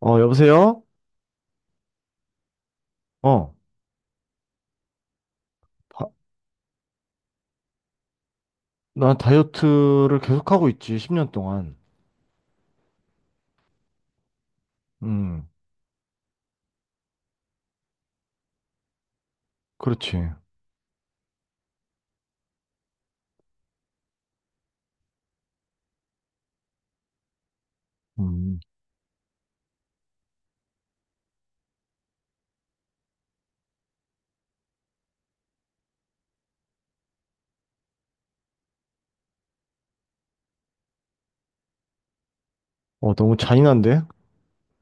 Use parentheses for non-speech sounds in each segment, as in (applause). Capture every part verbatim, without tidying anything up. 어, 여보세요? 어, 바- 난 다이어트를 계속하고 있지, 십 년 동안. 음, 그렇지. 음, 어, 너무 잔인한데?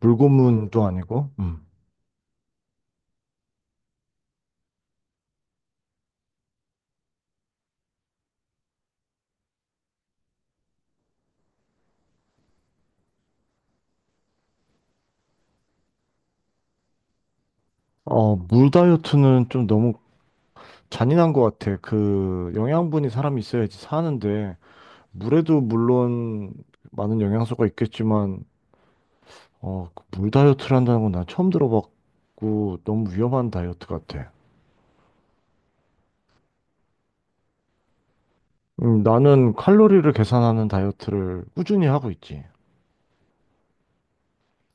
물고문도 아니고. 음. 어, 물 다이어트는 좀 너무 잔인한 것 같아. 그, 영양분이 사람이 있어야지 사는데, 물에도 물론 많은 영양소가 있겠지만, 어, 그물 다이어트를 한다는 건 난 처음 들어봤고, 너무 위험한 다이어트 같아. 음, 나는 칼로리를 계산하는 다이어트를 꾸준히 하고 있지.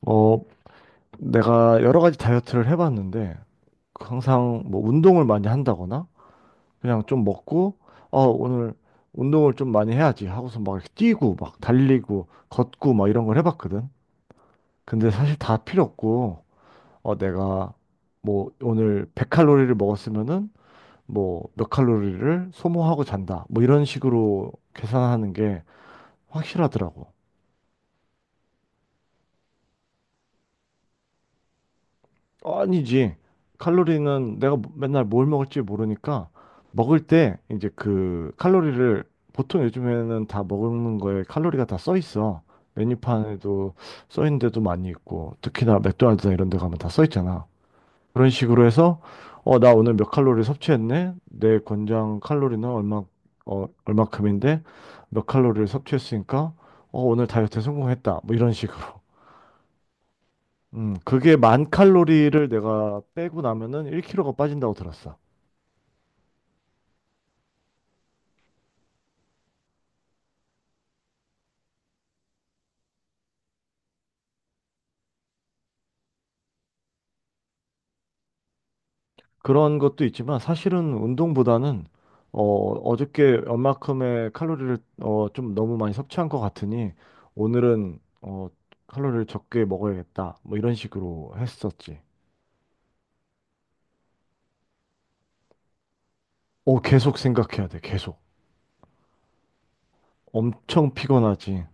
어, 내가 여러 가지 다이어트를 해봤는데 항상 뭐 운동을 많이 한다거나 그냥 좀 먹고 어 오늘 운동을 좀 많이 해야지 하고서 막 이렇게 뛰고 막 달리고 걷고 막 이런 걸 해봤거든. 근데 사실 다 필요 없고 어 내가 뭐 오늘 백 칼로리를 먹었으면은 뭐 몇 칼로리를 소모하고 잔다 뭐 이런 식으로 계산하는 게 확실하더라고. 아니지. 칼로리는 내가 뭐- 맨날 뭘 먹을지 모르니까 먹을 때 이제 그 칼로리를 보통 요즘에는 다 먹는 거에 칼로리가 다 써 있어. 메뉴판에도 써 있는 데도 많이 있고 특히나 맥도날드나 이런 데 가면 다 써 있잖아. 그런 식으로 해서 어, 나 오늘 몇 칼로리 섭취했네. 내 권장 칼로리는 얼마 어, 얼마큼인데 몇 칼로리를 섭취했으니까 어, 오늘 다이어트에 성공했다. 뭐 이런 식으로. 음, 그게 만 칼로리를 내가 빼고 나면은 일 킬로그램이 빠진다고 들었어. 그런 것도 있지만 사실은 운동보다는 어, 어저께 얼마큼의 칼로리를 어, 좀 너무 많이 섭취한 것 같으니 오늘은 어, 칼로리를 적게 먹어야겠다. 뭐 이런 식으로 했었지. 어, 계속 생각해야 돼. 계속. 엄청 피곤하지.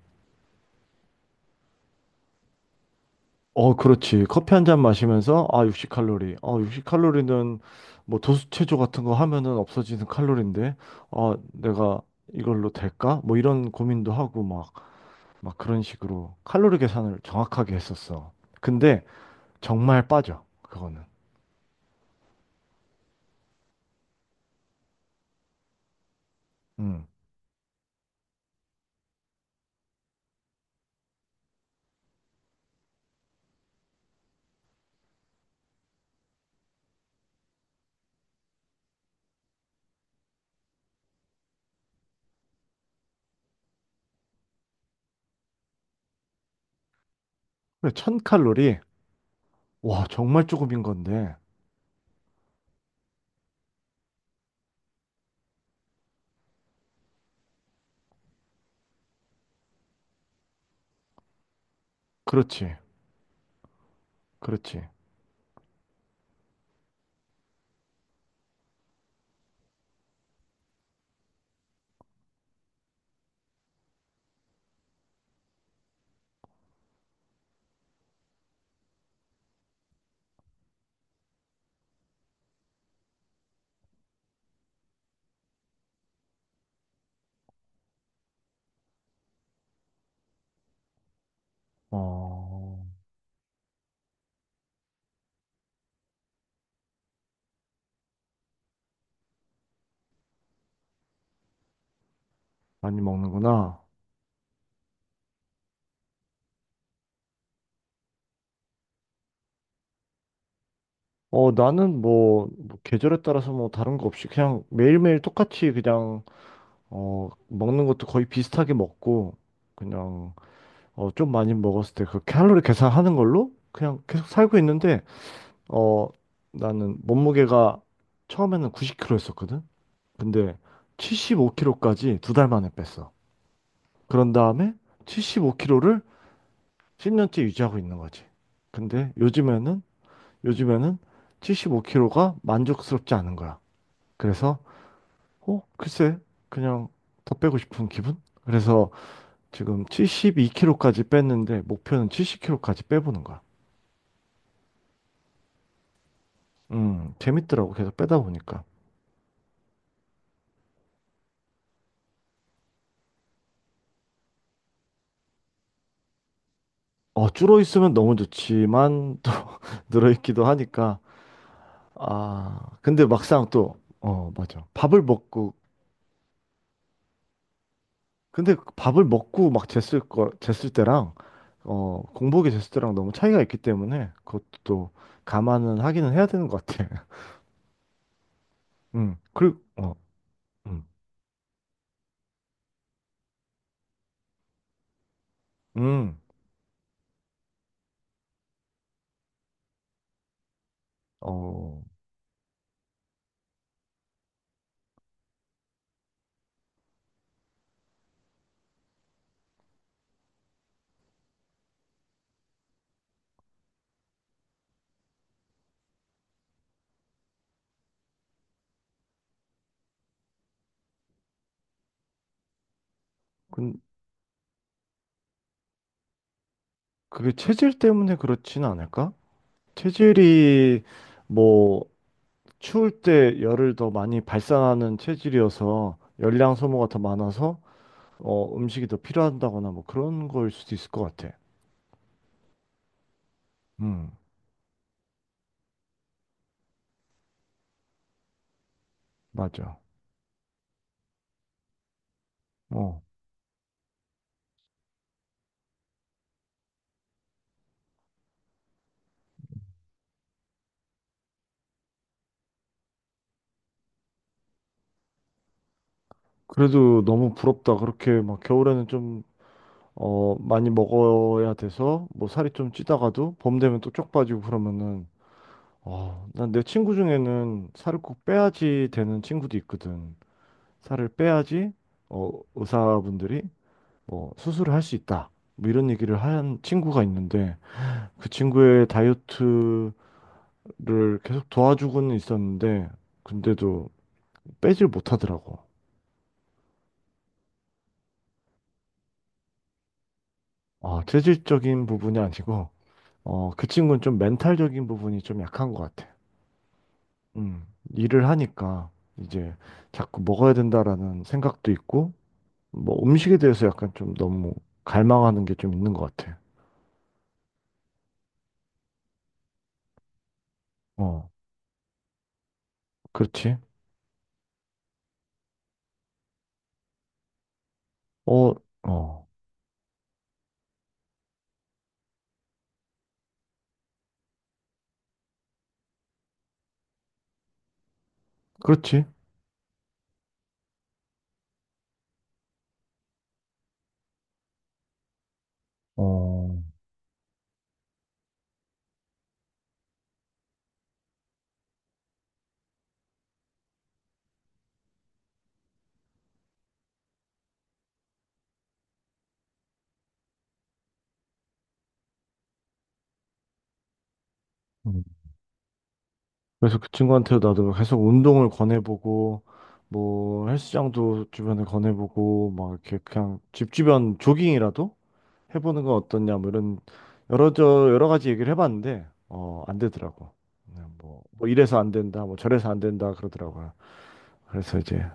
어, 그렇지. 커피 한 잔 마시면서, 아, 육십 칼로리. 어, 육십 칼로리는 뭐 도수체조 같은 거 하면은 없어지는 칼로리인데, 아, 내가 이걸로 될까? 뭐 이런 고민도 하고 막, 막 그런 식으로 칼로리 계산을 정확하게 했었어. 근데 정말 빠져. 그거는. 음. 그래, 천 칼로리? 와, 정말 조금인 건데. 그렇지. 그렇지. 어, 많이 먹는구나. 어, 나는 뭐, 뭐 계절에 따라서 뭐 다른 거 없이 그냥 매일매일 똑같이 그냥 어, 먹는 것도 거의 비슷하게 먹고, 그냥, 어, 좀 많이 먹었을 때 그 칼로리 계산하는 걸로 그냥 계속 살고 있는데, 어, 나는 몸무게가 처음에는 구십 킬로그램이었었거든? 근데 칠십오 킬로그램까지 두 달 만에 뺐어. 그런 다음에 칠십오 킬로그램을 십 년째 유지하고 있는 거지. 근데 요즘에는, 요즘에는 칠십오 킬로그램이 만족스럽지 않은 거야. 그래서, 어, 글쎄, 그냥 더 빼고 싶은 기분? 그래서 지금 칠십이 킬로그램까지 뺐는데 목표는 칠십 킬로그램까지 빼보는 거야. 음, 재밌더라고. 계속 빼다 보니까. 어, 줄어 있으면 너무 좋지만 또 (laughs) 늘어 있기도 하니까. 아, 근데 막상 또 어, 맞아. 밥을 먹고 근데 밥을 먹고 막 쟀을 거 쟀을 때랑 어, 공복에 쟀을 때랑 너무 차이가 있기 때문에 그것도 또 감안은 하기는 해야 되는 것 같아. (laughs) 음. 그리고 어. 음. 음. 어. 근 그게 체질 때문에 그렇진 않을까? 체질이 뭐 추울 때 열을 더 많이 발산하는 체질이어서 열량 소모가 더 많아서 어, 음식이 더 필요한다거나 뭐 그런 거일 수도 있을 것 같아. 음, 맞아. 어. 그래도 너무 부럽다. 그렇게 막 겨울에는 좀 어, 많이 먹어야 돼서 뭐 살이 좀 찌다가도 봄 되면 또 쪽 빠지고 그러면은 어, 난 내 친구 중에는 살을 꼭 빼야지 되는 친구도 있거든. 살을 빼야지 어, 의사분들이 뭐 수술을 할 수 있다. 뭐 이런 얘기를 한 친구가 있는데 그 친구의 다이어트를 계속 도와주고는 있었는데 근데도 빼질 못하더라고. 어, 체질적인 부분이 아니고 어, 그 친구는 좀 멘탈적인 부분이 좀 약한 것 같아. 음, 일을 하니까 이제 자꾸 먹어야 된다라는 생각도 있고 뭐 음식에 대해서 약간 좀 너무 갈망하는 게 좀 있는 것 같아. 어, 그렇지. 어, 어, 그렇지. 어. 음. 그래서 그 친구한테 나도 계속 운동을 권해보고 뭐 헬스장도 주변에 권해보고 막 이렇게 그냥 집 주변 조깅이라도 해보는 건 어떠냐 뭐 이런 여러 저 여러 가지 얘기를 해봤는데 어 안 되더라고. 그냥 뭐, 뭐 이래서 안 된다 뭐 저래서 안 된다 그러더라고요. 그래서 이제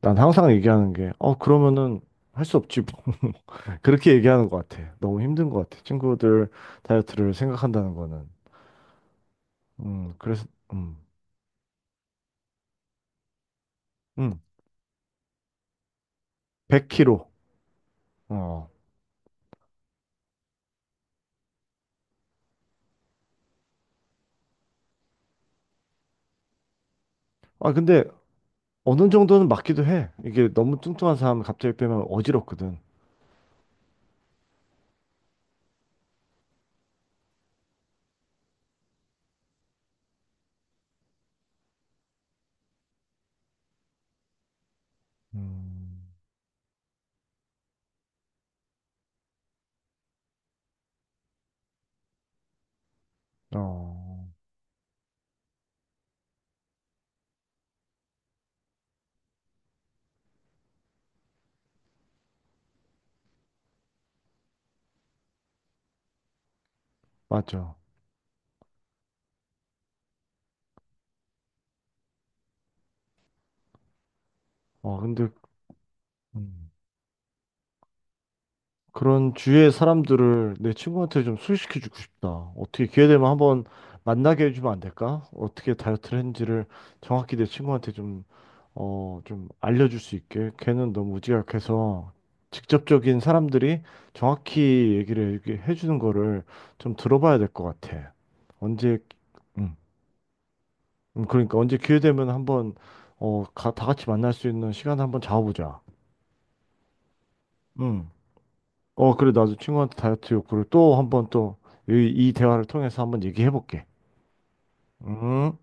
난 항상 얘기하는 게 어 그러면은 할 수 없지 (laughs) 뭐. 그렇게 얘기하는 것 같아. 너무 힘든 것 같아, 친구들 다이어트를 생각한다는 거는. 음 그래서 음음 백 킬로그램. 아, 근데 어느 정도는 맞기도 해. 이게 너무 뚱뚱한 사람 갑자기 빼면 어지럽거든. 음, 어, 맞죠. 어, 근데 음. 그런 주위의 사람들을 내 친구한테 좀 소개시켜주고 싶다. 어떻게 기회 되면 한번 만나게 해주면 안 될까? 어떻게 다이어트를 했는지를 정확히 내 친구한테 좀, 어, 좀 알려줄 수 있게. 걔는 너무 우지각해서 직접적인 사람들이 정확히 얘기를 이렇게 해주는 거를 좀 들어봐야 될 것 같아. 언제, 음, 음, 그러니까 언제 기회 되면 한번, 어, 가- 다 같이 만날 수 있는 시간 한번 잡아보자. 음. 어, 그래, 나도 친구한테 다이어트 욕구를 또 한번 또, 이, 이 대화를 통해서 한번 얘기해 볼게. 음.